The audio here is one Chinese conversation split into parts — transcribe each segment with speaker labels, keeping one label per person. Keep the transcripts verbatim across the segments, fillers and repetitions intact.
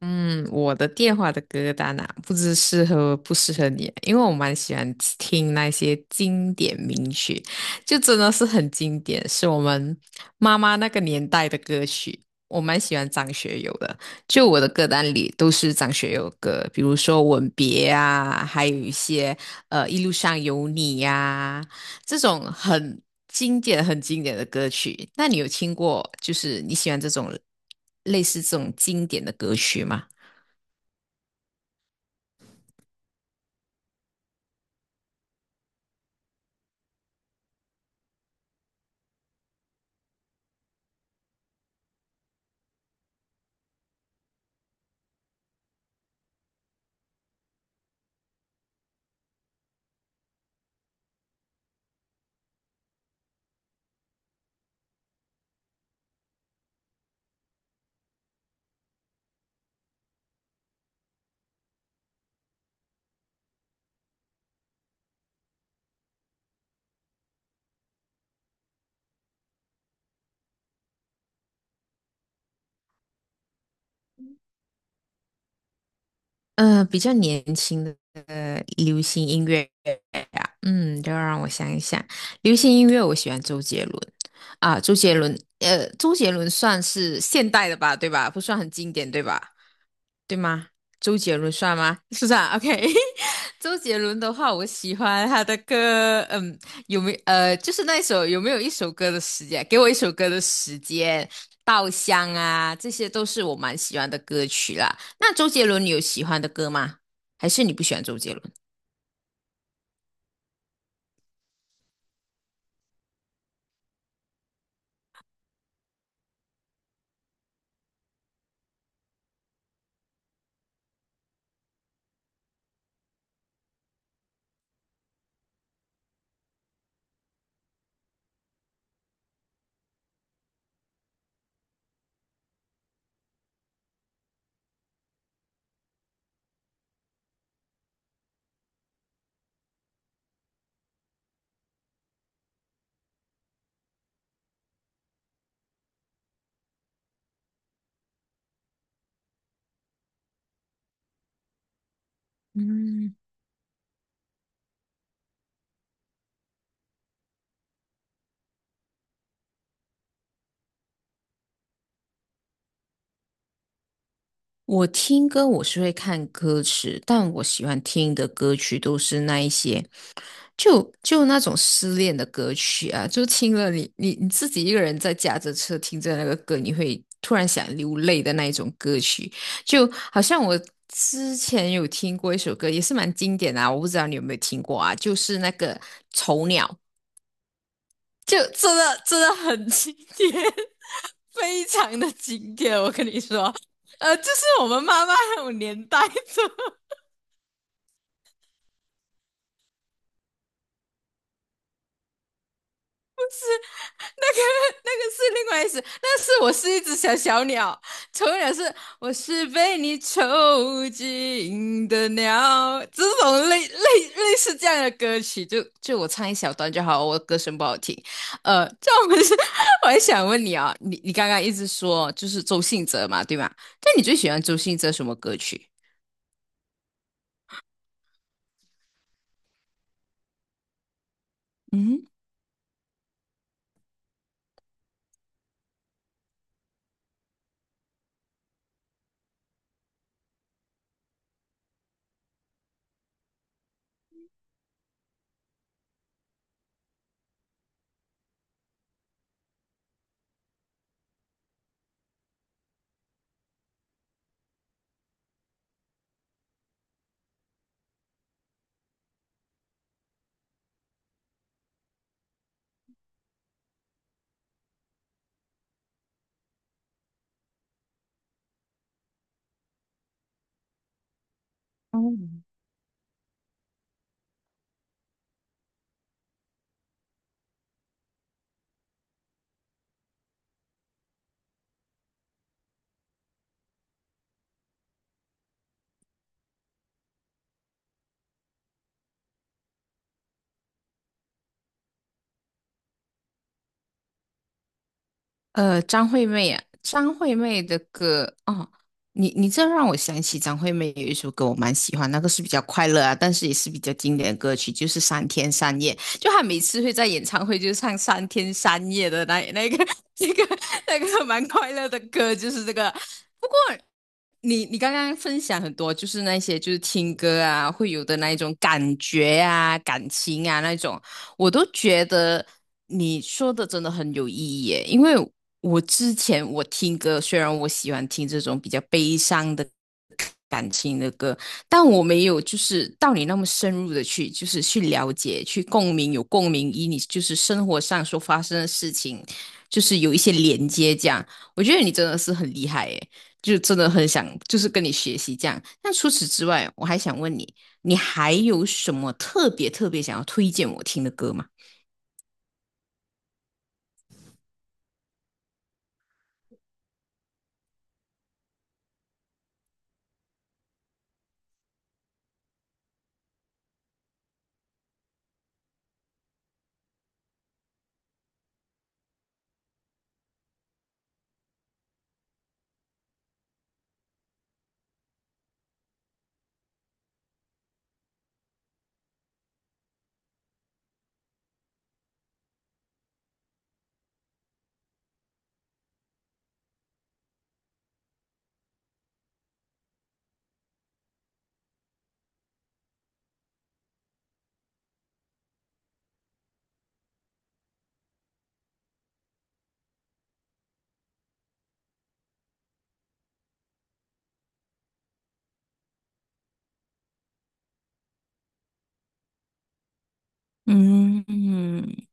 Speaker 1: 嗯，我的电话的歌单啊，不知适合不适合你啊，因为我蛮喜欢听那些经典名曲，就真的是很经典，是我们妈妈那个年代的歌曲。我蛮喜欢张学友的，就我的歌单里都是张学友的歌，比如说《吻别》啊，还有一些呃《一路上有你》呀、这种很经典、很经典的歌曲，那你有听过？就是你喜欢这种类似这种经典的歌曲吗？嗯、比较年轻的呃流行音乐呀，嗯，就让我想一想，流行音乐我喜欢周杰伦啊，周杰伦，呃，周杰伦算是现代的吧，对吧？不算很经典，对吧？对吗？周杰伦算吗？是不是啊？OK，周杰伦的话，我喜欢他的歌，嗯，有没呃，就是那一首有没有一首歌的时间？给我一首歌的时间，《稻香》啊，这些都是我蛮喜欢的歌曲啦。那周杰伦，你有喜欢的歌吗？还是你不喜欢周杰伦？嗯，我听歌我是会看歌词，但我喜欢听的歌曲都是那一些，就就那种失恋的歌曲啊，就听了你你你自己一个人在驾着车听着那个歌，你会突然想流泪的那一种歌曲，就好像我之前有听过一首歌，也是蛮经典的啊，我不知道你有没有听过啊，就是那个《丑鸟》，就真的真的很经典，非常的经典，我跟你说，呃，就是我们妈妈那种年代的。那个那个是另外一首，那是我是一只小小鸟，丑鸟是我是被你囚禁的鸟，这种类类类似这样的歌曲，就就我唱一小段就好，我歌声不好听。呃，这我们是，我还想问你啊，你你刚刚一直说就是周信哲嘛，对吧？那你最喜欢周信哲什么歌曲？嗯，呃，张惠妹啊，张惠妹的歌哦，你你这让我想起张惠妹有一首歌我蛮喜欢，那个是比较快乐啊，但是也是比较经典的歌曲，就是《三天三夜》，就她每次会在演唱会就唱《三天三夜》的那那个 那个那个蛮快乐的歌，就是这个你你刚刚分享很多，就是那些就是听歌啊，会有的那一种感觉啊、感情啊那种，我都觉得你说的真的很有意义耶。因为我之前我听歌，虽然我喜欢听这种比较悲伤的感情的歌，但我没有就是到你那么深入的去，就是去了解、去共鸣，有共鸣，以你就是生活上所发生的事情，就是有一些连接这样。我觉得你真的是很厉害耶。就真的很想就是跟你学习这样。那除此之外，我还想问你，你还有什么特别特别想要推荐我听的歌吗？嗯嗯，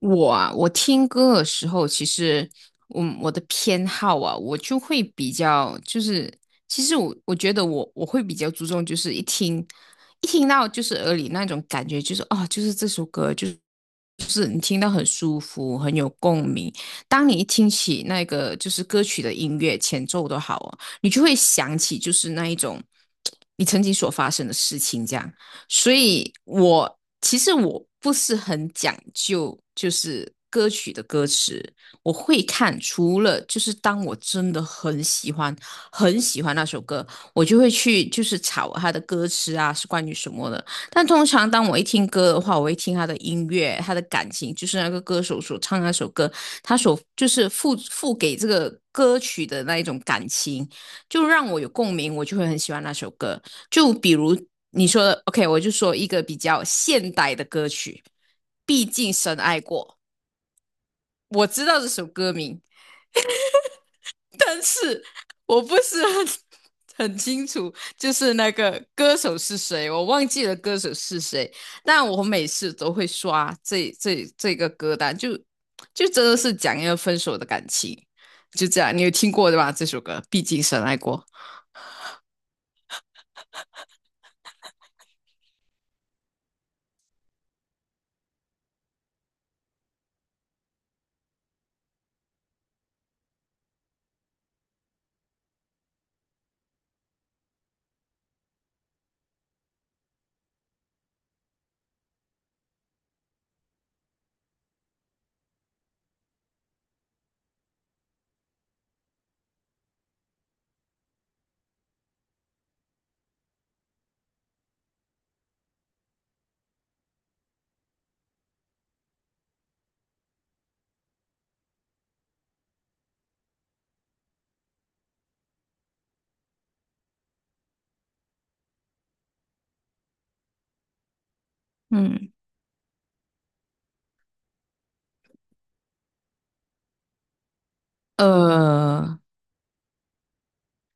Speaker 1: 我啊，我听歌的时候，其实我我的偏好啊，我就会比较就是，其实我我觉得我我会比较注重，就是一听一听到就是耳里那种感觉，就是哦，就是这首歌就是。就是你听到很舒服，很有共鸣。当你一听起那个就是歌曲的音乐前奏都好哦，你就会想起就是那一种你曾经所发生的事情，这样。所以我其实我不是很讲究，就是歌曲的歌词，我会看。除了就是当我真的很喜欢、很喜欢那首歌，我就会去就是查它的歌词啊是关于什么的。但通常当我一听歌的话，我会听他的音乐，他的感情，就是那个歌手所唱那首歌，他所就是付付给这个歌曲的那一种感情。就让我有共鸣，我就会很喜欢那首歌。就比如你说的，OK，我就说一个比较现代的歌曲，毕竟深爱过。我知道这首歌名，但是我不是很很清楚，就是那个歌手是谁，我忘记了歌手是谁。但我每次都会刷这这这个歌单，就就真的是讲一个分手的感情，就这样。你有听过对吧？这首歌，毕竟深爱过。嗯，呃，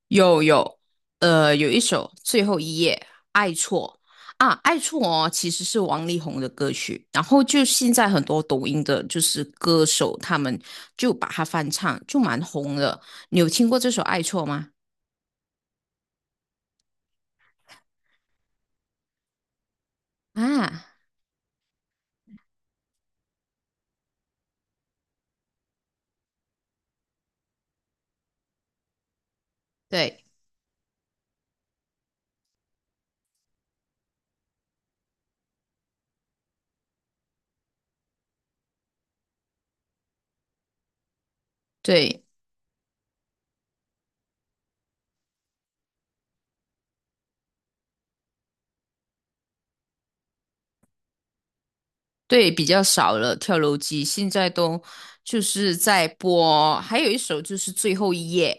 Speaker 1: 有有，呃，有一首《最后一页》《爱错》啊，《爱错》哦，其实是王力宏的歌曲。然后就现在很多抖音的，就是歌手他们就把它翻唱，就蛮红的。你有听过这首《爱错》吗？啊，对对对，比较少了。跳楼机现在都就是在播，还有一首就是《最后一页》。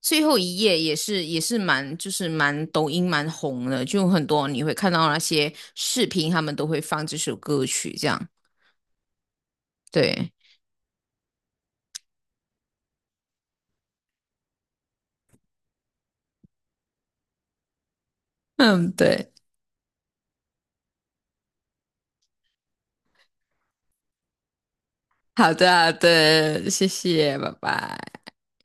Speaker 1: 最后一页也是也是蛮就是蛮抖音蛮红的，就很多你会看到那些视频，他们都会放这首歌曲，这样对。嗯，对，好的，好的，谢谢，拜拜。